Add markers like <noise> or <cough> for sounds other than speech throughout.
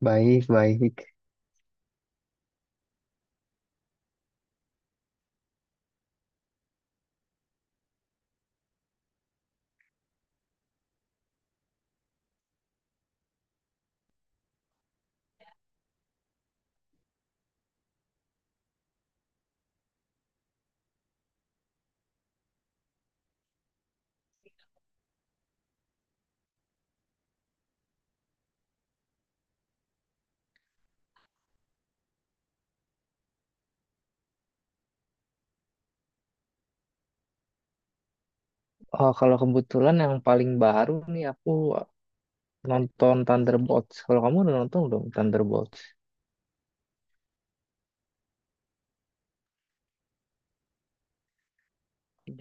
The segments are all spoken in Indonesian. Baik, baik. Oh, kalau kebetulan yang paling baru nih aku nonton Thunderbolts. Kalau kamu udah nonton belum Thunderbolts?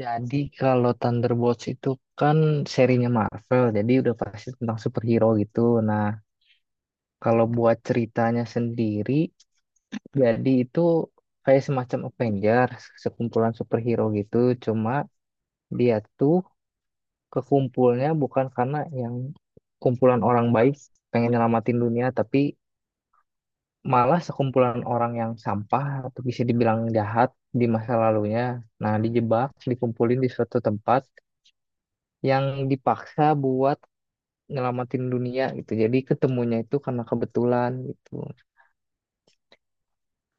Jadi kalau Thunderbolts itu kan serinya Marvel, jadi udah pasti tentang superhero gitu. Nah, kalau buat ceritanya sendiri, jadi itu kayak semacam Avengers, sekumpulan superhero gitu. Cuma dia tuh kekumpulnya bukan karena yang kumpulan orang baik pengen nyelamatin dunia, tapi malah sekumpulan orang yang sampah atau bisa dibilang jahat di masa lalunya. Nah, dijebak, dikumpulin di suatu tempat yang dipaksa buat nyelamatin dunia gitu. Jadi ketemunya itu karena kebetulan gitu.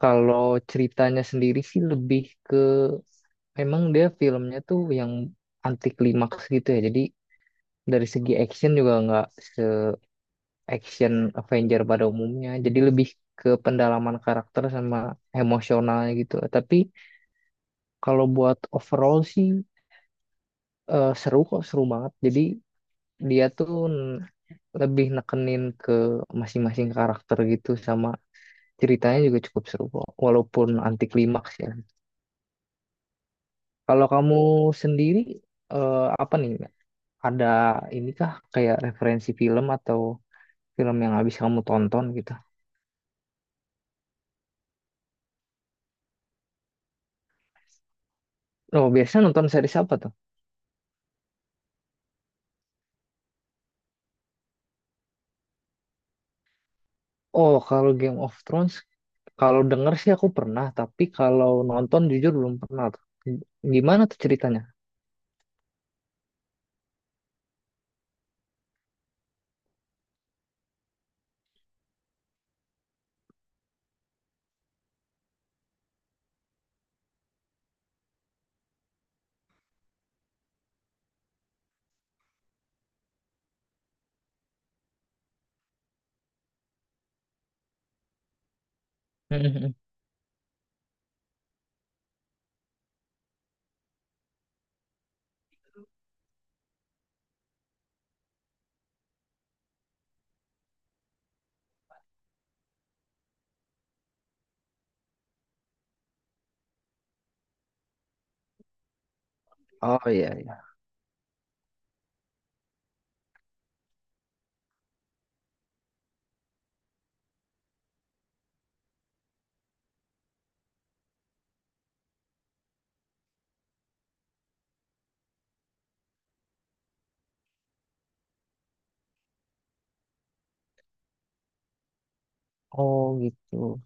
Kalau ceritanya sendiri sih lebih ke memang dia filmnya tuh yang anti klimaks gitu ya. Jadi dari segi action juga nggak se action Avenger pada umumnya. Jadi lebih ke pendalaman karakter sama emosionalnya gitu. Tapi kalau buat overall sih seru kok, seru banget. Jadi dia tuh lebih nekenin ke masing-masing karakter gitu sama ceritanya juga cukup seru kok, walaupun anti klimaks ya. Kalau kamu sendiri, apa nih? Ada ini kah kayak referensi film atau film yang habis kamu tonton gitu? Oh, biasanya nonton series apa tuh? Oh, kalau Game of Thrones kalau denger sih aku pernah, tapi kalau nonton jujur belum pernah tuh. Gimana tuh ceritanya? <laughs> Oh iya iya. Oh gitu.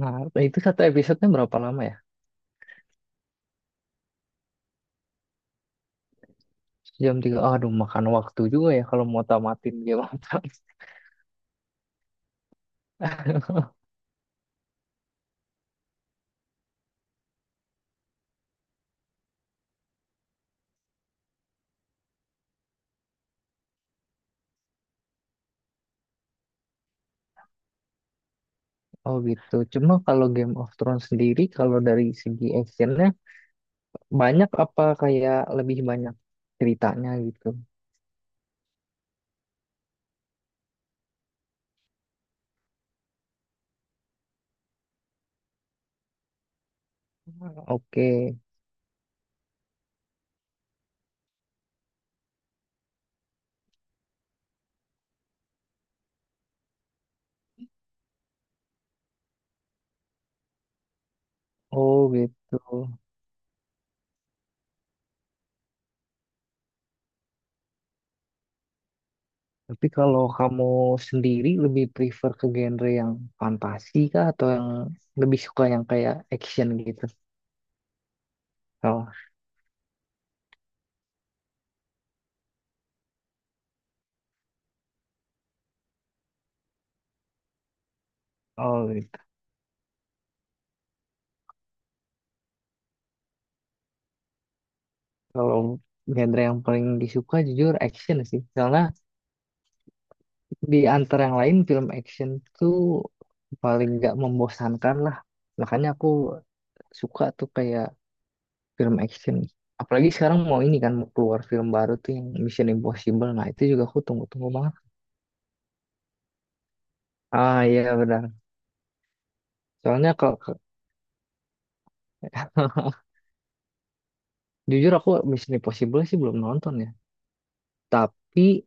Nah, itu satu episodenya berapa lama ya? Jam tiga. Aduh, makan waktu juga ya kalau mau tamatin Game of Thrones. <laughs> Oh gitu. Cuma kalau Game of Thrones sendiri, kalau dari segi actionnya banyak apa kayak lebih banyak ceritanya gitu? Oke. Oh gitu. Tapi kalau kamu sendiri lebih prefer ke genre yang fantasi kah atau yang lebih suka yang kayak action gitu? Oh, oh gitu. Kalau genre yang paling disuka jujur action sih. Karena di antara yang lain film action tuh paling nggak membosankan lah. Makanya aku suka tuh kayak film action. Apalagi sekarang mau ini kan mau keluar film baru tuh yang Mission Impossible. Nah itu juga aku tunggu-tunggu banget. Ah iya benar. Soalnya kalau <laughs> jujur aku Mission Impossible sih belum nonton ya. Tapi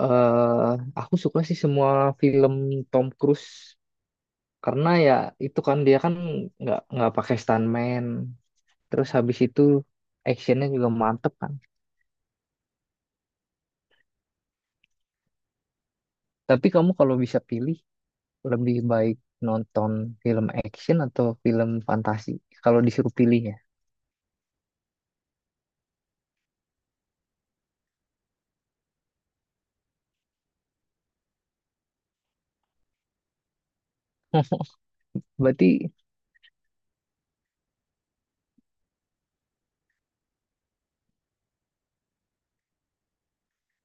eh aku suka sih semua film Tom Cruise. Karena ya itu kan dia nggak pakai stuntman, terus habis itu actionnya juga mantep kan. Tapi kamu kalau bisa pilih, lebih baik nonton film action atau film fantasi kalau disuruh pilih ya? Berarti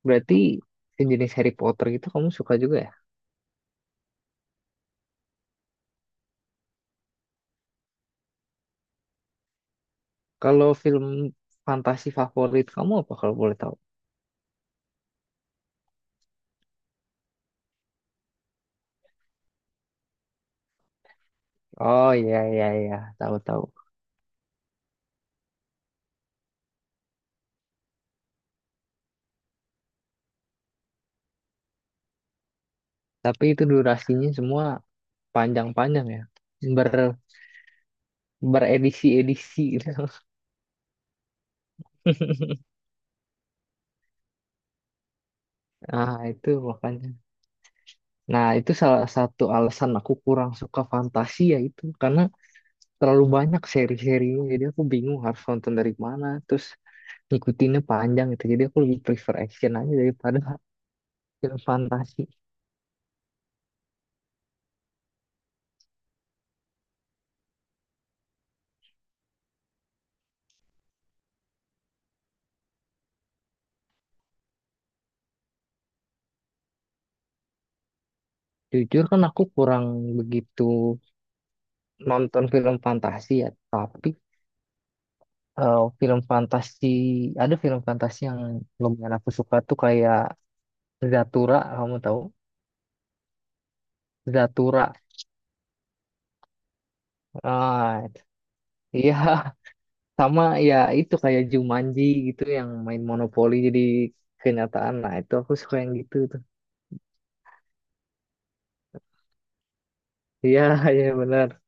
Berarti sejenis Harry Potter gitu kamu suka juga ya? Kalau film fantasi favorit kamu apa kalau boleh tahu? Oh iya iya iya, tahu tahu. Tapi itu durasinya semua panjang-panjang ya, ber beredisi-edisi gitu. <laughs> Nah, itu makanya. Nah, itu salah satu alasan aku kurang suka fantasi ya itu. Karena terlalu banyak seri-serinya. Jadi aku bingung harus nonton dari mana. Terus ngikutinnya panjang gitu. Jadi aku lebih prefer action aja daripada film fantasi. Jujur kan aku kurang begitu nonton film fantasi ya. Tapi film fantasi, ada film fantasi yang lumayan aku suka tuh kayak Zathura, kamu tahu? Zathura. Ah, iya. <laughs> Sama ya itu kayak Jumanji gitu yang main monopoli jadi kenyataan. Nah itu aku suka yang gitu tuh. Iya, <laughs> iya benar.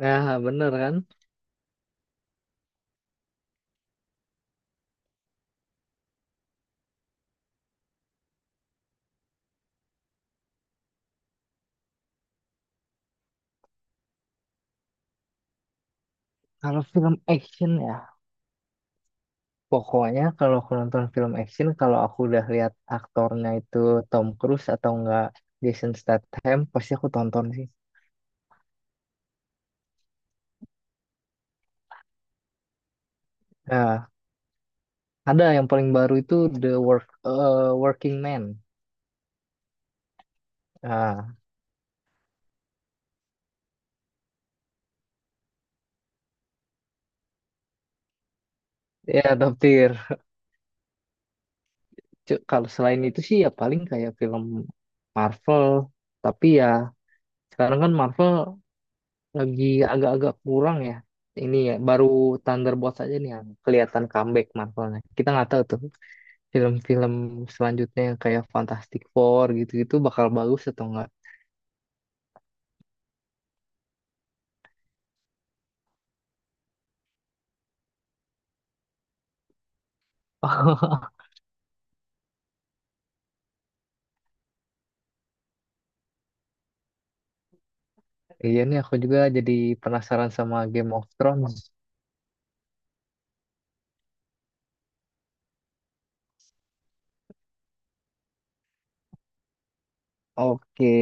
Ya benar kan. Kalau film action ya, pokoknya kalau aku nonton film action, kalau aku udah lihat aktornya itu Tom Cruise atau enggak Jason Statham, pasti aku tonton sih. Nah, ada yang paling baru itu The Work, eh, Working Man. Nah, ya Top Tier. Kalau selain itu sih ya paling kayak film Marvel, tapi ya sekarang kan Marvel lagi agak-agak kurang ya. Ini ya, baru Thunderbolts aja nih yang kelihatan comeback Marvelnya. Kita nggak tahu tuh film-film selanjutnya yang kayak Fantastic Four gitu-gitu bakal bagus atau enggak. <laughs> Iya nih aku juga jadi penasaran sama Game of Thrones. Oke.